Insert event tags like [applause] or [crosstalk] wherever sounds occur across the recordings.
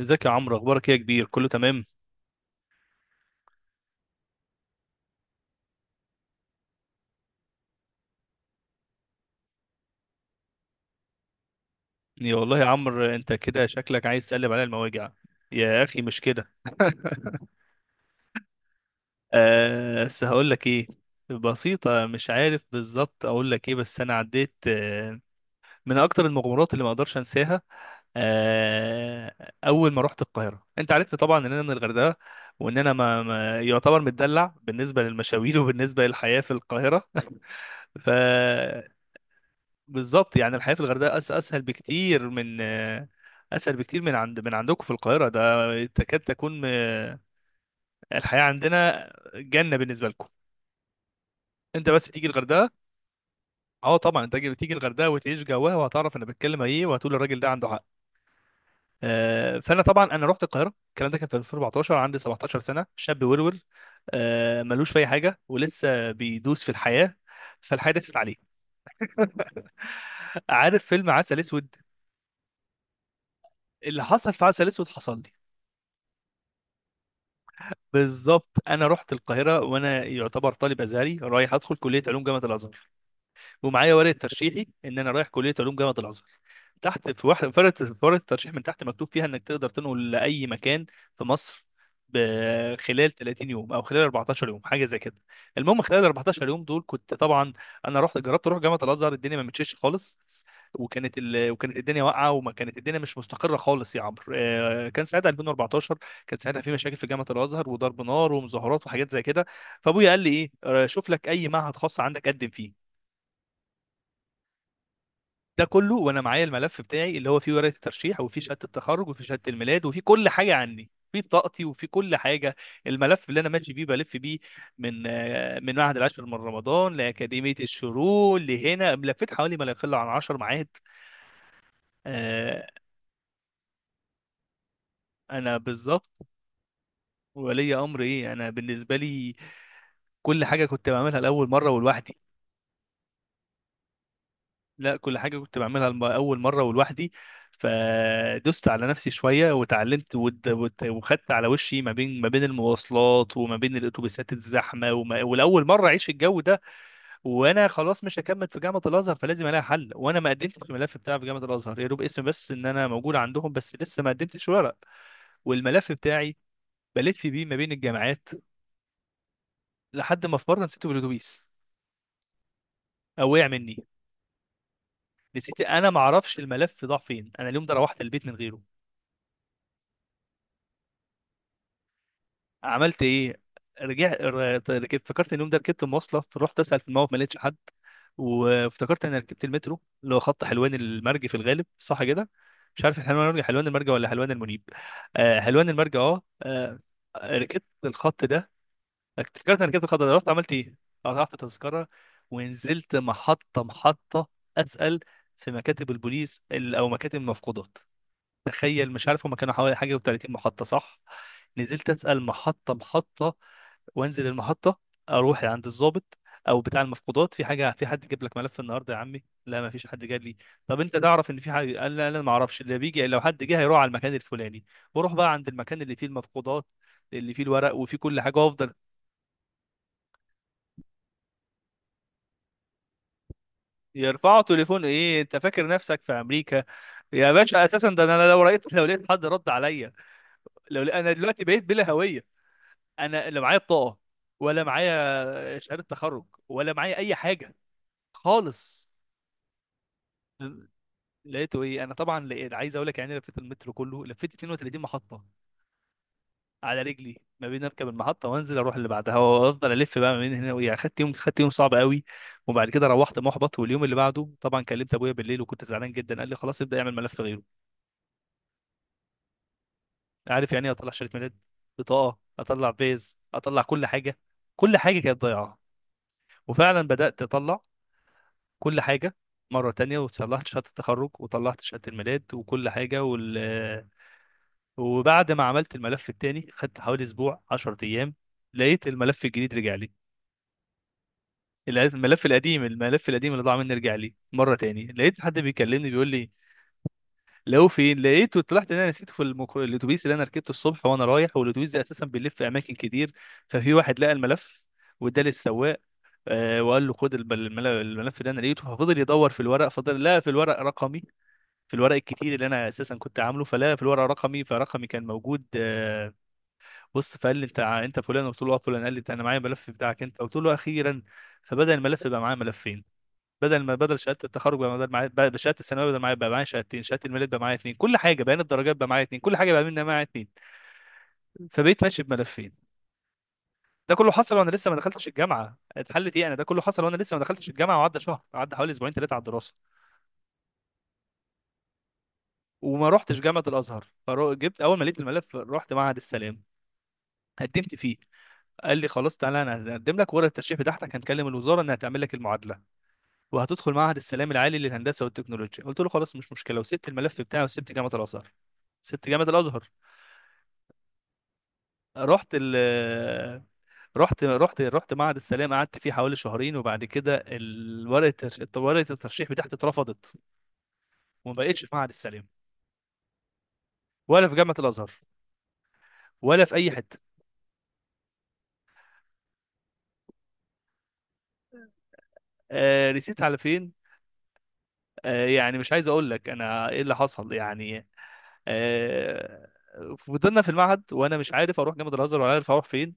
ازيك يا عمرو؟ اخبارك ايه يا كبير؟ كله تمام. يا والله يا عمرو، انت كده شكلك عايز تقلب عليا المواجع. يا اخي مش كده. [laughs] بس هقول لك ايه. بسيطة، مش عارف بالظبط اقول لك ايه، بس انا عديت من اكتر المغامرات اللي ما اقدرش انساها. آه، اول ما رحت القاهرة انت عرفت طبعا ان انا من الغردقة، وان انا يعتبر متدلع بالنسبة للمشاوير [laughs] وبالنسبة للحياة في القاهرة. [laughs] ف بالظبط، يعني الحياة في الغردقة أسهل بكتير من أسهل بكتير من عندكم في القاهرة، ده تكاد تكون الحياة عندنا جنة بالنسبة لكم. أنت بس تيجي الغردقة. أه طبعا، أنت تيجي الغردقة وتعيش جواها وهتعرف أنا بتكلم إيه، وهتقول الراجل ده عنده حق. فأنا طبعا رحت القاهرة، الكلام ده كان في 2014، عندي 17 سنة، شاب ورور ملوش في أي حاجة ولسه بيدوس في الحياة، فالحياة دست عليه. [laughs] عارف فيلم عسل أسود؟ اللي حصل في عسل أسود حصل لي. بالظبط، انا رحت القاهره وانا يعتبر طالب ازهري رايح ادخل كليه علوم جامعه الازهر، ومعايا ورقه ترشيحي ان انا رايح كليه علوم جامعه الازهر. تحت في واحد، في ورقة الترشيح من تحت مكتوب فيها انك تقدر تنقل لاي مكان في مصر خلال 30 يوم او خلال 14 يوم، حاجه زي كده. المهم خلال 14 يوم دول كنت طبعا، انا رحت جربت اروح جامعه الازهر، الدنيا ما مشيتش خالص. وكانت الدنيا واقعه، وما كانت الدنيا مش مستقره خالص يا عمرو. كان ساعتها 2014، كان ساعتها في مشاكل في جامعه الازهر وضرب نار ومظاهرات وحاجات زي كده. فابويا قال لي ايه، شوف لك اي معهد خاص عندك قدم فيه. ده كله وانا معايا الملف بتاعي اللي هو فيه ورقه الترشيح، وفيه شهاده التخرج، وفيه شهاده الميلاد، وفيه كل حاجه عني، في بطاقتي وفي كل حاجه. الملف اللي انا ماشي بيه بلف بيه من معهد العاشر من رمضان لاكاديميه الشروق لهنا، لفيت حوالي ما لا يقل عن 10 معاهد. آه، انا بالظبط. ولي امر ايه؟ انا بالنسبه لي كل حاجه كنت بعملها لاول مره ولوحدي. لا، كل حاجه كنت بعملها اول مره ولوحدي. فدست على نفسي شويه وتعلمت، وخدت على وشي ما بين المواصلات وما بين الاتوبيسات الزحمه، ولاول مره اعيش الجو ده. وانا خلاص مش هكمل في جامعه الازهر، فلازم الاقي حل، وانا ما قدمتش الملف بتاعي في جامعه الازهر، يا دوب اسم بس ان انا موجود عندهم، بس لسه ما قدمتش ورق. والملف بتاعي بلف بيه ما بين الجامعات، لحد ما في مره نسيته في الاتوبيس او وقع مني. نسيت، انا ما اعرفش الملف ضاع فين، انا اليوم ده روحت البيت من غيره. عملت ايه؟ رجعت، ركبت، افتكرت إن اليوم ده ركبت مواصله، رحت اسال في الموقف، ما لقيتش حد. وافتكرت انا ركبت المترو اللي هو خط حلوان المرج في الغالب، صح كده؟ مش عارف حلوان المرج ولا حلوان المنيب. آه، حلوان المرج، ركبت الخط ده. افتكرت انا ركبت الخط ده، رحت عملت ايه، قطعت تذكره، ونزلت محطه محطه اسال في مكاتب البوليس، او مكاتب المفقودات. تخيل، مش عارف هما كانوا حوالي حاجه و30 محطه، صح؟ نزلت اسال محطه محطه، وانزل المحطه اروح عند الضابط او بتاع المفقودات، في حاجه، في حد جاب لك ملف النهارده يا عمي؟ لا، ما فيش حد جاب لي. طب انت تعرف ان في حاجه؟ قال لا، لا ما اعرفش اللي بيجي، لو حد جه هيروح على المكان الفلاني. واروح بقى عند المكان اللي فيه المفقودات، اللي فيه الورق وفيه كل حاجه، وافضل. يرفعوا تليفون ايه؟ انت فاكر نفسك في امريكا يا باشا؟ اساسا ده انا لو لقيت حد رد عليا. انا دلوقتي بقيت بلا هويه، انا لا معايا بطاقه، ولا معايا شهاده تخرج، ولا معايا اي حاجه خالص. لقيته ايه، انا طبعا لقيت، عايز اقول لك يعني، لفيت المترو كله، لفيت 32 محطه على رجلي ما بين اركب المحطه وانزل اروح اللي بعدها، وافضل الف بقى ما بين هنا ويا، خدت يوم صعب قوي. وبعد كده روحت محبط، واليوم اللي بعده طبعا كلمت ابويا بالليل وكنت زعلان جدا، قال لي خلاص ابدا اعمل ملف غيره. عارف يعني ايه اطلع شهاده ميلاد، بطاقه، اطلع فيز، اطلع كل حاجه. كل حاجه كانت ضايعه. وفعلا بدات اطلع كل حاجة مرة تانية، وطلعت شهادة التخرج، وطلعت شهادة الميلاد، وكل حاجة. وبعد ما عملت الملف التاني خدت حوالي أسبوع 10 أيام، لقيت الملف الجديد رجع لي. لقيت الملف القديم، اللي ضاع مني رجع لي مرة تاني، لقيت حد بيكلمني بيقول لي لو فين لقيته، طلعت ان انا نسيته في الاتوبيس اللي انا ركبته الصبح وانا رايح، والاتوبيس ده اساسا بيلف في اماكن كتير، ففي واحد لقى الملف، وده للسواق، آه، وقال له خد الملف ده انا لقيته. ففضل يدور في الورق، فضل لقى في الورق رقمي، في الورق الكتير اللي انا اساسا كنت عامله، فلا في الورق رقمي، فرقمي كان موجود. بص، فقال لي انت انت فلان؟ قلت له اه، فلان. قال لي انا معايا الملف بتاعك انت. قلت له اخيرا. فبدا الملف بقى معايا ملفين. بدل ما بدل شهاده التخرج بقى، شهاده الثانويه، بدل معايا بقى شهادتين، شهاده الميلاد بقى معايا اتنين، كل حاجه، بيان الدرجات بقى معايا اتنين، كل حاجه بقى منها معايا اتنين. فبقيت ماشي بملفين. ده كله حصل وانا لسه ما دخلتش الجامعه. اتحلت ايه؟ انا ده كله حصل وانا لسه ما دخلتش الجامعه، وعدى شهر، عدى حوالي اسبوعين ثلاثه على الدراسه، وما رحتش جامعه الازهر. فجبت اول ما لقيت الملف، رحت معهد السلام قدمت فيه. قال لي خلاص تعالى انا هقدم لك ورقه الترشيح بتاعتك، هنكلم الوزاره انها تعمل لك المعادله، وهتدخل معهد السلام العالي للهندسه والتكنولوجيا. قلت له خلاص مش مشكله، وسبت الملف بتاعي وسبت جامعه الازهر. سبت جامعه الازهر رحت ال رحت رحت رحت معهد السلام قعدت فيه حوالي شهرين. وبعد كده ورقه الترشيح بتاعتي اترفضت، وما بقتش في معهد السلام ولا في جامعه الازهر ولا في اي حته. آه، رسيت على فين؟ آه، يعني مش عايز اقول لك انا ايه اللي حصل يعني. آه، فضلنا في المعهد وانا مش عارف اروح جامعه الازهر ولا عارف اروح فين.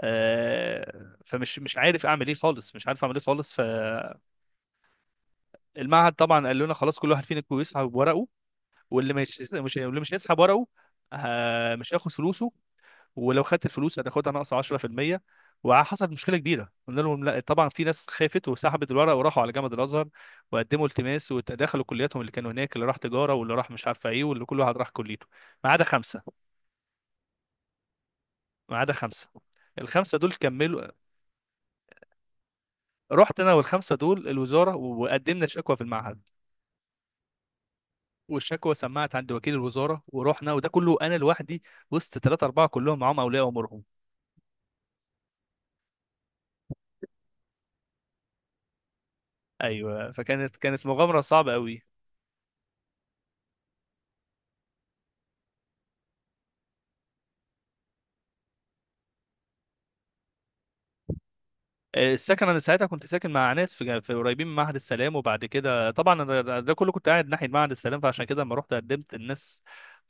فمش مش عارف اعمل ايه خالص، مش عارف اعمل ايه خالص. فالمعهد طبعا قال لنا خلاص كل واحد فينا يسحب ورقه، واللي مش هيسحب ورقه، مش هياخد فلوسه، ولو خدت الفلوس هتاخدها ناقص 10%. وحصلت مشكله كبيره، قلنا لهم لا طبعا. في ناس خافت وسحبت الورق وراحوا على جامعه الازهر، وقدموا التماس ودخلوا كلياتهم اللي كانوا هناك، اللي راح تجاره، واللي راح مش عارفه ايه، واللي كل واحد راح كليته، ما عدا خمسه. ما عدا خمسه الخمسه دول كملوا. رحت انا والخمسه دول الوزاره، وقدمنا شكوى في المعهد، والشكوى سمعت عند وكيل الوزاره، ورحنا، وده كله انا لوحدي وسط ثلاثه اربعه كلهم معاهم اولياء امورهم. ايوه، فكانت مغامره صعبه قوي. السكن، انا ساعتها كنت ساكن مع ناس في قريبين من معهد السلام، وبعد كده طبعا أنا، ده كله كنت قاعد ناحيه معهد السلام، فعشان كده لما رحت قدمت الناس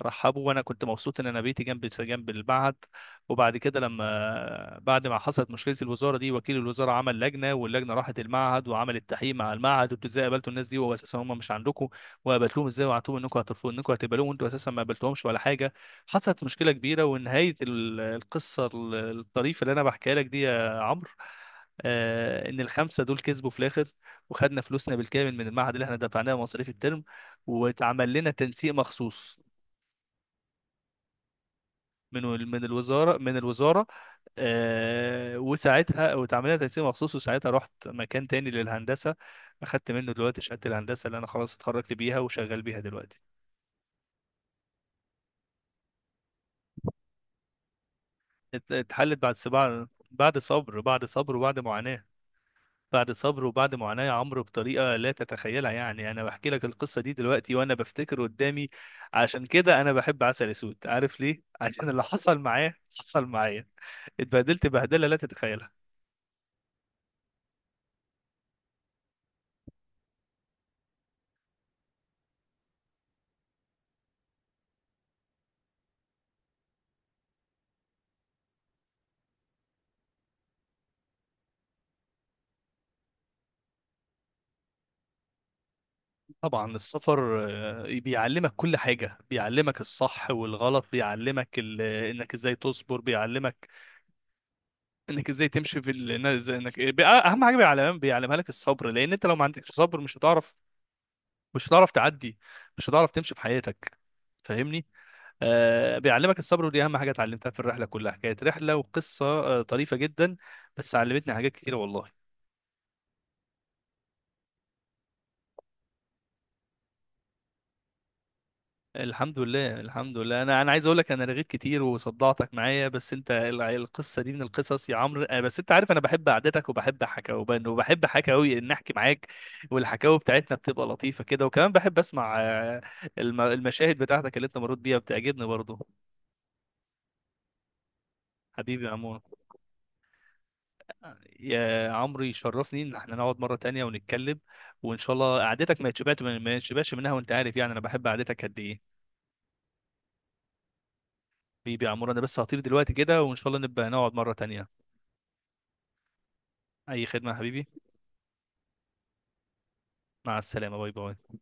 رحبوا، وانا كنت مبسوط ان انا بيتي جنب جنب المعهد. وبعد كده بعد ما حصلت مشكله الوزاره دي، وكيل الوزاره عمل لجنه، واللجنه راحت المعهد وعملت تحقيق مع المعهد، وانتوا ازاي قابلتوا الناس دي وهو اساسا هم مش عندكم، وقابلتوهم ازاي، وقعدتوهم انكم هترفضوا، انكم هتقبلوهم وانتوا اساسا ما قابلتوهمش ولا حاجه. حصلت مشكله كبيره، ونهايه القصه الطريفه اللي انا بحكيها لك دي يا عمرو، ان الخمسه دول كسبوا في الاخر، وخدنا فلوسنا بالكامل من المعهد اللي احنا دفعناه مصاريف الترم، واتعمل لنا تنسيق مخصوص من الوزاره. وساعتها واتعمل لنا تنسيق مخصوص، وساعتها رحت مكان تاني للهندسه، اخدت منه دلوقتي شهاده الهندسه اللي انا خلاص اتخرجت بيها وشغال بيها دلوقتي. اتحلت بعد سبع، بعد صبر بعد صبر وبعد معاناه بعد صبر وبعد معاناة يا عمرو، بطريقة لا تتخيلها يعني. أنا بحكي لك القصة دي دلوقتي وأنا بفتكر قدامي. عشان كده أنا بحب عسل أسود، عارف ليه؟ [laughs] عشان اللي حصل معاه حصل معايا، اتبهدلت بهدلة لا تتخيلها. طبعا السفر بيعلمك كل حاجة، بيعلمك الصح والغلط، بيعلمك إنك إزاي تصبر، بيعلمك إنك إزاي تمشي إنك آه، بي- آه، أهم حاجة بيعلمها لك الصبر. لأن أنت لو ما عندكش صبر مش هتعرف، مش هتعرف تعدي، مش هتعرف تمشي في حياتك. فاهمني؟ بيعلمك الصبر، ودي اهم حاجه اتعلمتها في الرحله كلها. كانت رحله وقصه طريفه جدا، بس علمتني حاجات كتير والله. الحمد لله، الحمد لله. انا عايز اقول لك انا رغيت كتير وصدعتك معايا، بس انت القصه دي من القصص يا عمرو. بس انت عارف انا بحب قعدتك وبحب حكاوي، ان احكي معاك، والحكاوي بتاعتنا بتبقى لطيفه كده، وكمان بحب اسمع، المشاهد بتاعتك اللي انت مريت بيها بتعجبني برضه. حبيبي يا عمرو، يشرفني ان احنا نقعد مره تانية ونتكلم، وان شاء الله قعدتك ما يتشبعش منها، وانت عارف يعني انا بحب قعدتك قد ايه. حبيبي يا عمرو، انا بس هطير دلوقتي كده، وان شاء الله نبقى نقعد مره تانية. اي خدمه يا حبيبي. مع السلامه، باي باي.